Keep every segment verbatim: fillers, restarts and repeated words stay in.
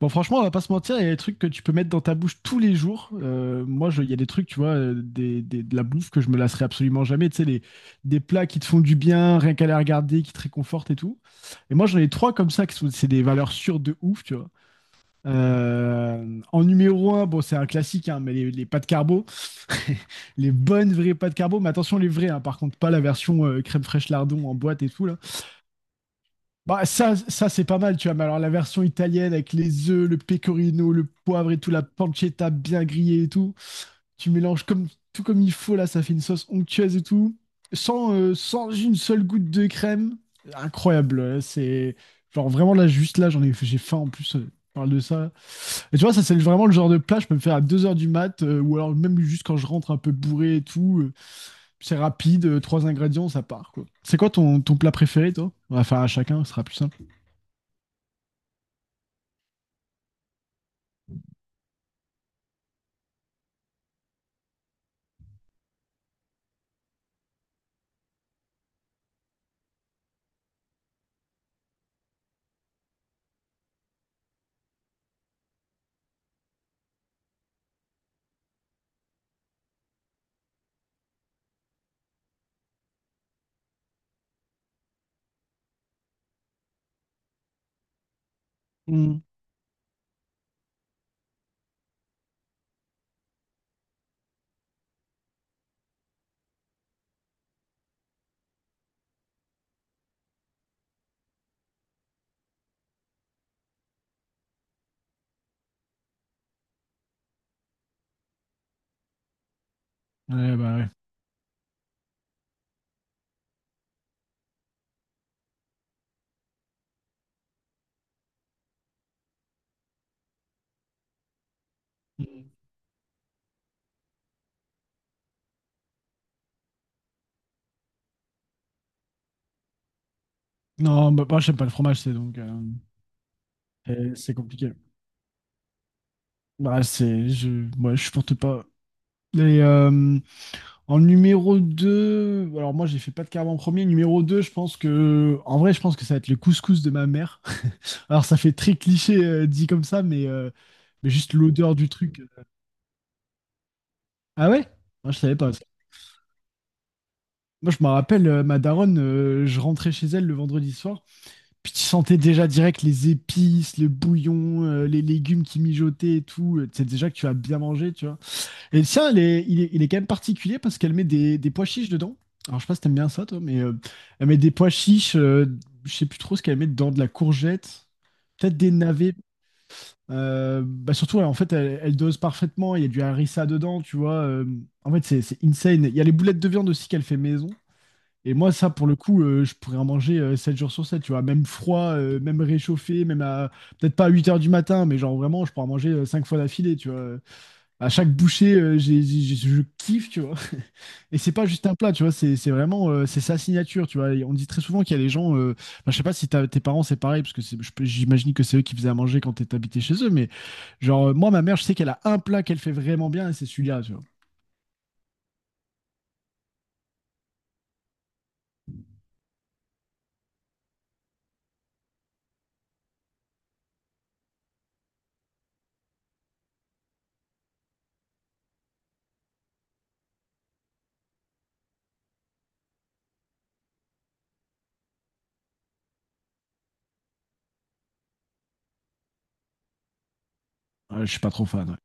Bon, franchement, on va pas se mentir, il y a des trucs que tu peux mettre dans ta bouche tous les jours. Euh, moi, je- il y a des trucs, tu vois, euh, des, des- de la bouffe que je me lasserai absolument jamais. Tu sais, les- des plats qui te font du bien, rien qu'à les regarder, qui te réconfortent et tout. Et moi, j'en ai trois comme ça, qui sont, c'est des valeurs sûres de ouf, tu vois. Euh, en numéro un, bon, c'est un classique, hein, mais les, les pâtes carbo, les bonnes vraies pâtes carbo. Mais attention, les vraies, hein, par contre, pas la version euh, crème fraîche lardon en boîte et tout, là. Bah, ça, ça c'est pas mal, tu vois. Mais alors, la version italienne avec les œufs, le pecorino, le poivre et tout, la pancetta bien grillée et tout, tu mélanges comme, tout comme il faut, là, ça fait une sauce onctueuse et tout, sans, euh, sans une seule goutte de crème. Incroyable, euh, c'est genre vraiment là, juste là, j'en ai, j'ai faim en plus, euh, je parle de ça. Et tu vois, ça, c'est vraiment le genre de plat, je peux me faire à deux heures du mat, euh, ou alors même juste quand je rentre un peu bourré et tout. Euh, c'est rapide, euh, trois ingrédients, ça part, quoi. C'est quoi ton, ton plat préféré, toi? On va faire à chacun, ce sera plus simple. Mm. Ouais, bah ouais. Mm. Non, bah, moi, j'aime pas le fromage, c'est donc... euh, c'est c'est compliqué. Bah, c'est... Je, ouais, je supporte pas. Et, euh, En numéro deux. Alors, moi, j'ai fait pas de carbe en premier. Numéro deux, je pense que... En vrai, je pense que ça va être le couscous de ma mère. Alors, ça fait très cliché euh, dit comme ça, mais, euh, mais juste l'odeur du truc. Ah ouais? Moi, je savais pas. Moi, je me rappelle, euh, ma daronne, euh, je rentrais chez elle le vendredi soir, puis tu sentais déjà direct les épices, le bouillon, euh, les légumes qui mijotaient et tout. euh, Tu sais déjà que tu as bien mangé, tu vois. Et tiens, sien, il est, il est, il est quand même particulier parce qu'elle met des, des pois chiches dedans. Alors, je sais pas si t'aimes bien ça, toi, mais euh, elle met des pois chiches, euh, je sais plus trop ce qu'elle met dedans, de la courgette, peut-être des navets. Euh, bah surtout, elle- en fait, elle, elle dose parfaitement. Il y a du harissa dedans, tu vois. euh, en fait, c'est c'est insane. Il y a les boulettes de viande aussi qu'elle fait maison. Et moi, ça, pour le coup, euh, je pourrais en manger euh, sept jours sur sept, tu vois. Même froid, euh, même réchauffé, même à... Peut-être pas à huit heures du matin, mais genre vraiment, je pourrais en manger euh, cinq fois d'affilée, tu vois. À chaque bouchée, euh, j'ai, j'ai- je kiffe, tu vois. Et c'est pas juste un plat, tu vois. C'est c'est vraiment... euh, C'est sa signature, tu vois. Et on dit très souvent qu'il y a des gens... euh, enfin, Je sais pas si t'as- tes parents, c'est pareil, parce que c'est- je peux- j'imagine que c'est eux qui faisaient à manger quand t'es- t'habitais chez eux, mais genre, euh, moi, ma mère, je sais qu'elle a un plat qu'elle fait vraiment bien, et c'est celui-là, tu vois. Ouais, je suis pas trop fan, ouais.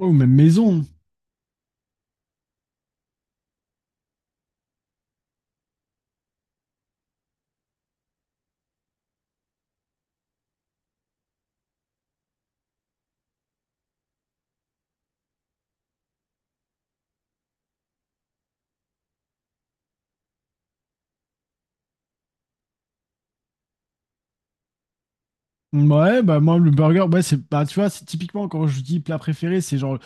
Oh, même maison. Ouais, bah moi le burger, ouais, c'est bah tu vois, c'est typiquement quand je dis plat préféré, c'est genre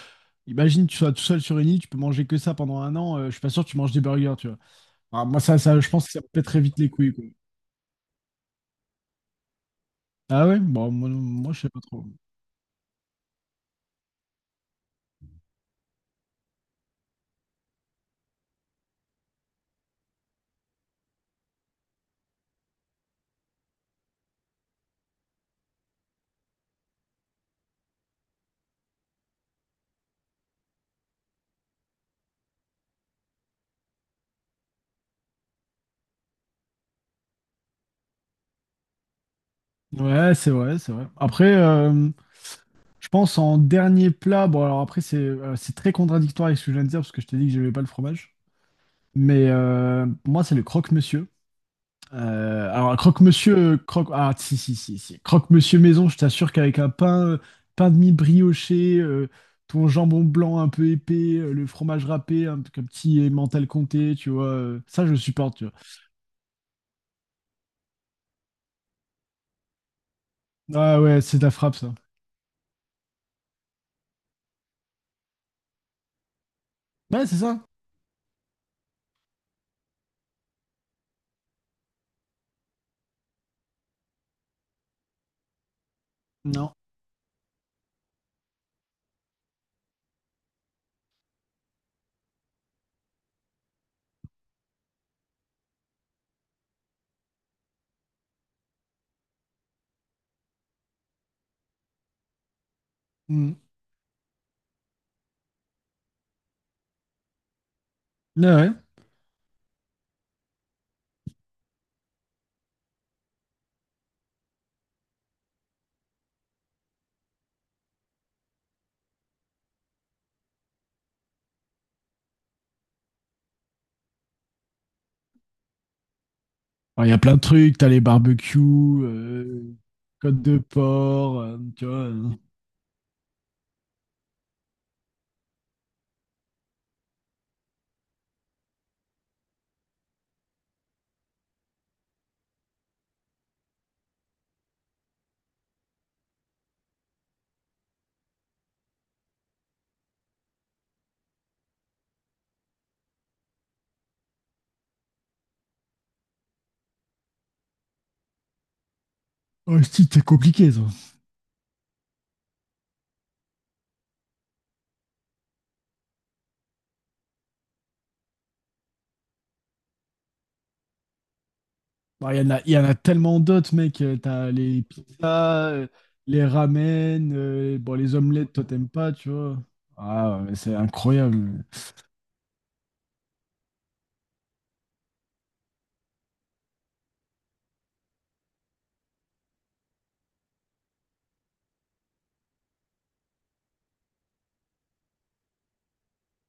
imagine tu sois tout seul sur une île, tu peux manger que ça pendant un an, euh, je suis pas sûr que tu manges des burgers, tu vois. Ah, moi ça, ça je pense que ça me pète très vite les couilles quoi. Ah ouais, bon moi, moi, je sais pas trop. Ouais, c'est vrai, c'est vrai. Après euh, Je pense en dernier plat, bon alors après c'est euh, c'est très contradictoire avec ce que je viens de dire parce que je t'ai dit que j'aimais pas le fromage, mais euh, pour moi c'est le croque-monsieur. Euh, alors, croque-monsieur, croque, ah, si, si, si, si. Croque-monsieur maison, je t'assure qu'avec un pain, pain de mie brioché, euh, ton jambon blanc un peu épais, euh, le fromage râpé, un, un petit emmental comté, tu vois, euh, ça je supporte, tu vois. Ah ouais, c'est de la frappe, ça. Ouais, c'est ça? Non. Mm. Ouais, ouais. Alors, il y a plein de trucs, t'as les barbecues, euh, côte de porc, euh, tu vois. euh. Oh, si, c'est compliqué, ça. Bah, il y en a, il y en a tellement d'autres, mec. Euh, T'as les pizzas, euh, les ramen, euh, bon, les omelettes, toi, t'aimes pas, tu vois. Ah, ouais, c'est incroyable.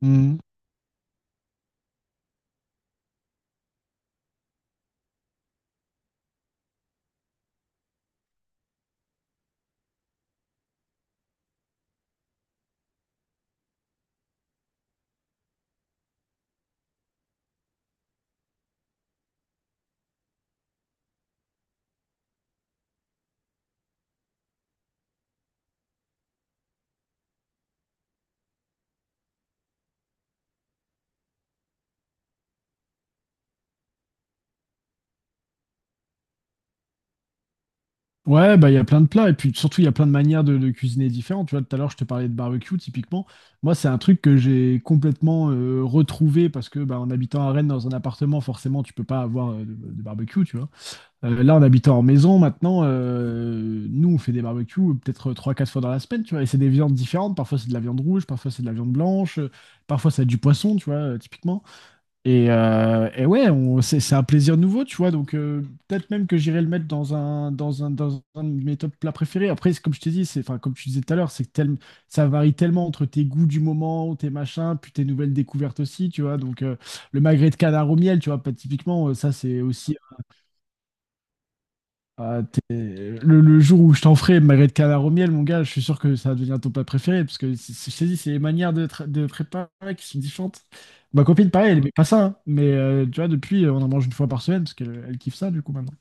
Mhm. Ouais, bah, il y a plein de plats. Et puis, surtout, il y a plein de manières de, de cuisiner différentes. Tu vois, tout à l'heure, je te parlais de barbecue, typiquement. Moi, c'est un truc que j'ai complètement euh, retrouvé parce que, bah, en habitant à Rennes, dans un appartement, forcément, tu peux pas avoir euh, de, de barbecue, tu vois. Euh, là, en habitant en maison, maintenant, euh, nous, on fait des barbecues euh, peut-être trois, quatre fois dans la semaine, tu vois, et c'est des viandes différentes. Parfois, c'est de la viande rouge, parfois, c'est de la viande blanche, euh, parfois, c'est du poisson, tu vois, euh, typiquement. Et, euh, et ouais, on- c'est c'est un plaisir nouveau, tu vois, donc euh, peut-être même que j'irai le mettre dans un, dans un, dans un de mes top plats préférés. Après, c'est comme je t'ai dit, c'est, enfin, comme tu disais tout à l'heure, c'est que tel- ça varie tellement entre tes goûts du moment, tes machins, puis tes nouvelles découvertes aussi, tu vois, donc euh, le magret de canard au miel, tu vois, pas typiquement, euh, ça, c'est aussi ah, t'es- le, le jour où je t'en ferai magret de canard au miel, mon gars, je suis sûr que ça va devenir ton plat préféré, parce que c'est- c'est- je t'ai dit, c'est les manières de, tra- de préparer qui sont différentes. Ma copine, pareil, elle aimait pas ça, hein, mais euh, tu vois, depuis, euh, on en mange une fois par semaine, parce qu'elle elle kiffe ça, du coup, maintenant.